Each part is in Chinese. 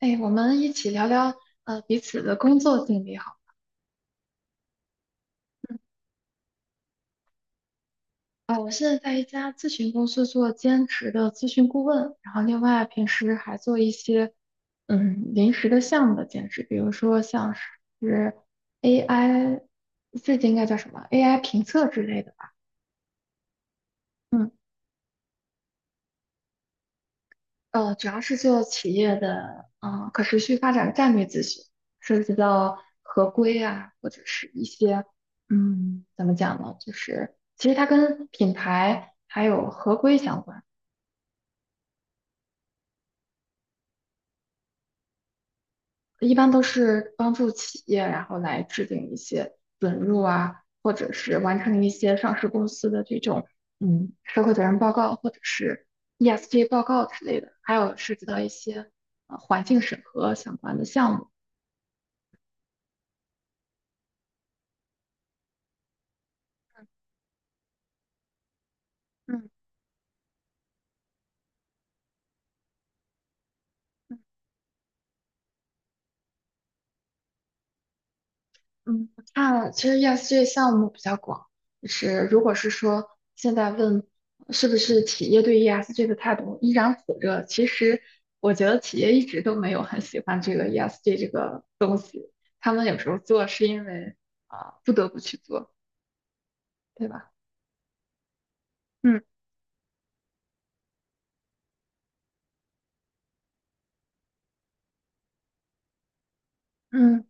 哎，我们一起聊聊彼此的工作经历好。啊，我现在在一家咨询公司做兼职的咨询顾问，然后另外平时还做一些临时的项目的兼职，比如说像是 AI，这应该叫什么 AI 评测之类的吧。嗯。主要是做企业的可持续发展战略咨询，涉及到合规啊，或者是一些怎么讲呢？就是其实它跟品牌还有合规相关，一般都是帮助企业然后来制定一些准入啊，或者是完成一些上市公司的这种社会责任报告或者是 ESG 报告之类的，还有涉及到一些环境审核相关的项目。嗯。嗯，看，其实 ESG 项目比较广，就是如果是说现在问是不是企业对 ESG 的态度依然火热，其实我觉得企业一直都没有很喜欢这个 ESG 这个东西，他们有时候做是因为啊、不得不去做，对吧？嗯嗯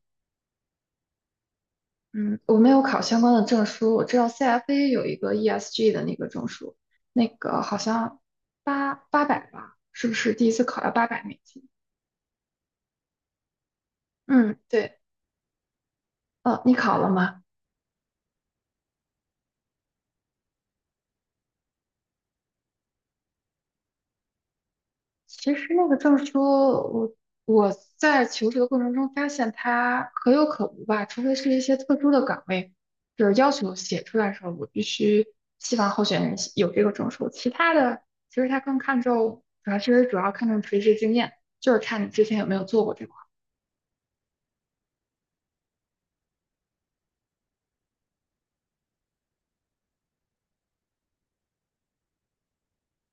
嗯，我没有考相关的证书，我知道 CFA 有一个 ESG 的那个证书，那个好像八百吧，是不是第一次考要800美金？嗯，对，哦，你考了吗？其实那个证书，我在求职的过程中发现它可有可无吧，除非是一些特殊的岗位，就是要求写出来的时候，我必须希望候选人写有这个证书。其他的，其实它更看重，主要其实主要看重垂直经验，就是看你之前有没有做过这块。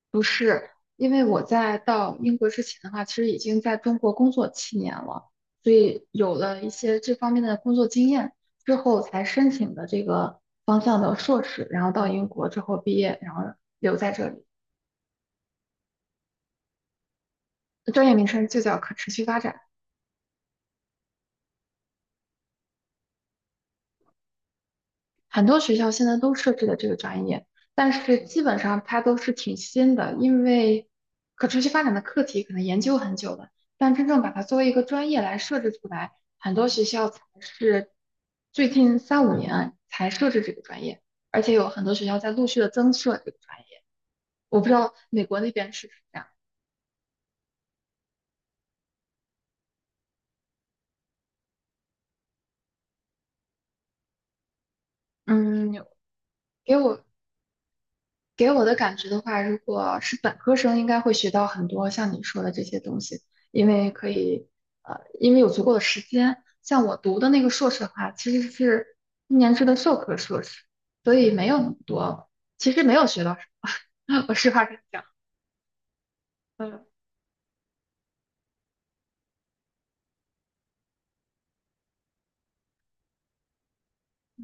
不是，因为我在到英国之前的话，其实已经在中国工作7年了，所以有了一些这方面的工作经验之后，才申请的这个方向的硕士，然后到英国之后毕业，然后留在这里。专业名称就叫可持续发展。很多学校现在都设置了这个专业，但是基本上它都是挺新的，因为可持续发展的课题可能研究很久了，但真正把它作为一个专业来设置出来，很多学校才是最近三五年才设置这个专业，而且有很多学校在陆续的增设这个专业。我不知道美国那边是不是这样。嗯，给我。给我的感觉的话，如果是本科生，应该会学到很多像你说的这些东西，因为可以，因为有足够的时间。像我读的那个硕士的话，其实是一年制的授课硕士，所以没有那么多，其实没有学到什么。我实话跟你讲，嗯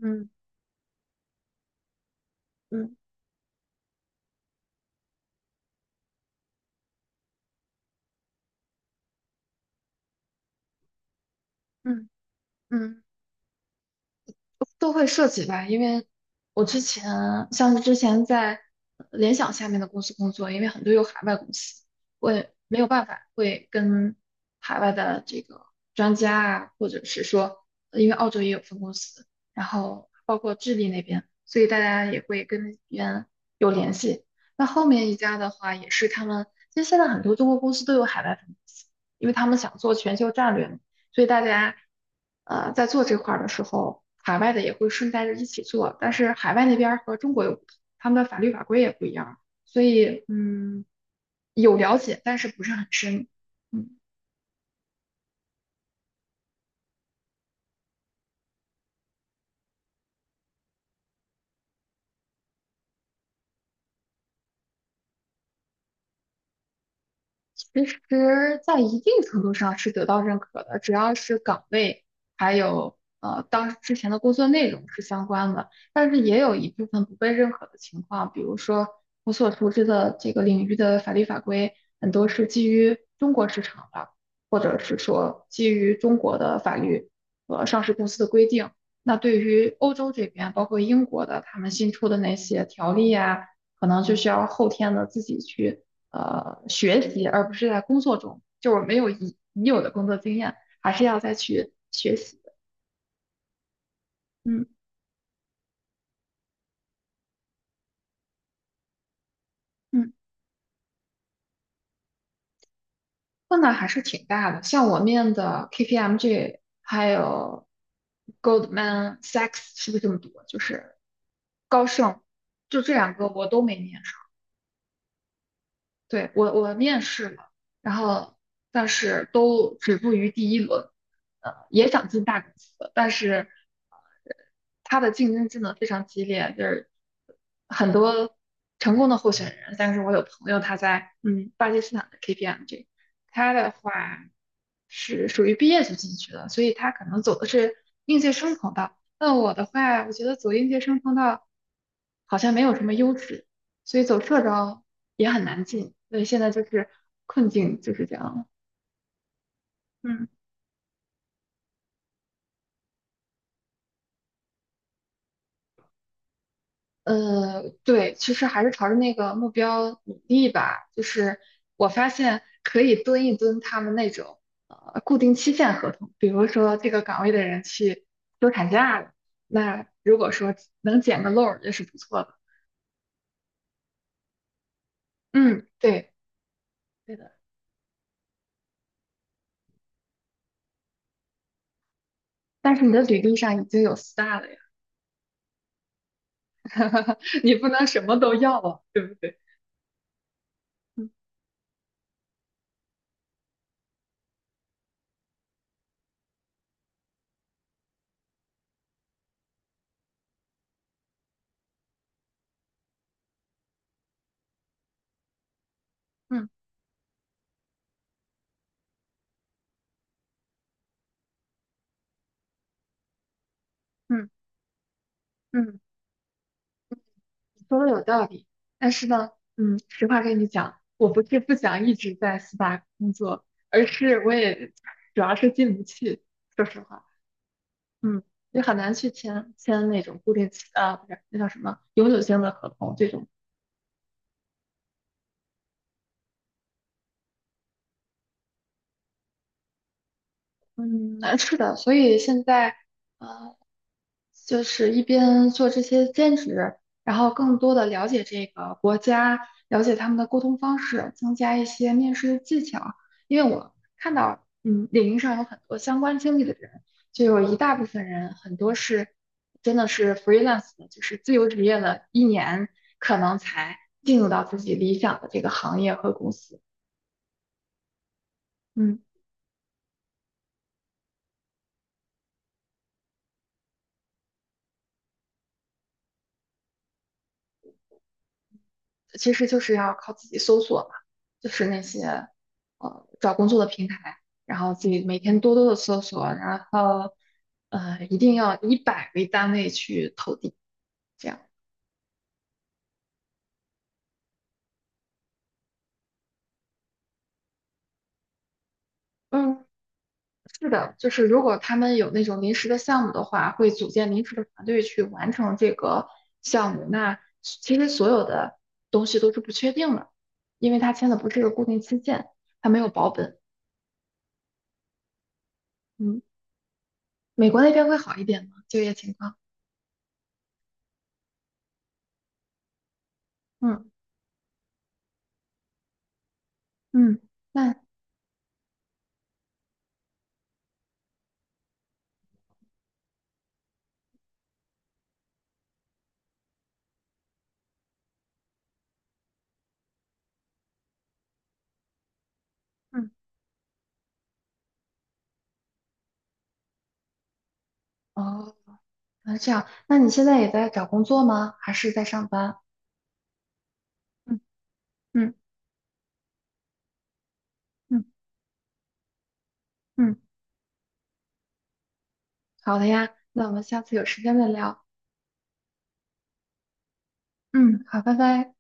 嗯嗯嗯嗯。都会涉及吧，因为我之前像是之前在联想下面的公司工作，因为很多有海外公司，我也没有办法会跟海外的这个专家啊，或者是说，因为澳洲也有分公司，然后包括智利那边，所以大家也会跟那边有联系。那后面一家的话，也是他们，其实现在很多中国公司都有海外分公司，因为他们想做全球战略嘛。所以大家在做这块儿的时候，海外的也会顺带着一起做，但是海外那边儿和中国有不同，他们的法律法规也不一样，所以有了解，但是不是很深。嗯。其实，在一定程度上是得到认可的，只要是岗位还有当之前的工作内容是相关的，但是也有一部分不被认可的情况，比如说我所熟知的这个领域的法律法规很多是基于中国市场的，或者是说基于中国的法律和上市公司的规定。那对于欧洲这边，包括英国的，他们新出的那些条例啊，可能就需要后天的自己去，学习，而不是在工作中，就是没有已有的工作经验，还是要再去学习的。嗯嗯，困难还是挺大的。像我面的 KPMG 还有 Goldman Sachs 是不是这么读啊就是高盛，就这两个我都没面。对，我面试了，然后但是都止步于第一轮，也想进大公司，但是它的竞争真的非常激烈，就是很多成功的候选人，但是我有朋友他在巴基斯坦的 KPMG，他的话是属于毕业就进去了，所以他可能走的是应届生通道。那我的话，我觉得走应届生通道好像没有什么优势，所以走社招也很难进，所以现在就是困境就是这样。嗯，对，其实还是朝着那个目标努力吧。就是我发现可以蹲一蹲他们那种固定期限合同，比如说这个岗位的人去休产假了，那如果说能捡个漏儿也是不错的。嗯，对，对的。但是你的履历上已经有 star 了呀，你不能什么都要啊，对不对？嗯嗯嗯嗯。说的有道理，但是呢，实话跟你讲，我不是不想一直在四大工作，而是我也主要是进不去，说实话，嗯，也很难去签签那种固定期啊，不是那叫什么永久性的合同这种，嗯，难处的。所以现在，呃，就是一边做这些兼职，然后更多的了解这个国家，了解他们的沟通方式，增加一些面试的技巧。因为我看到，领域上有很多相关经历的人，就有一大部分人，很多是真的是 freelance 的，就是自由职业了一年，可能才进入到自己理想的这个行业和公司。嗯。其实就是要靠自己搜索嘛，就是那些找工作的平台，然后自己每天多多的搜索，然后一定要以百为单位去投递，这样。嗯，是的，就是如果他们有那种临时的项目的话，会组建临时的团队去完成这个项目。那其实所有的东西都是不确定的，因为他签的不是个固定期限，他没有保本。嗯，美国那边会好一点吗？就业情况？嗯。嗯，那嗯哦，那这样，那你现在也在找工作吗？还是在上班？嗯嗯嗯嗯，好的呀，那我们下次有时间再聊。嗯，好，拜拜。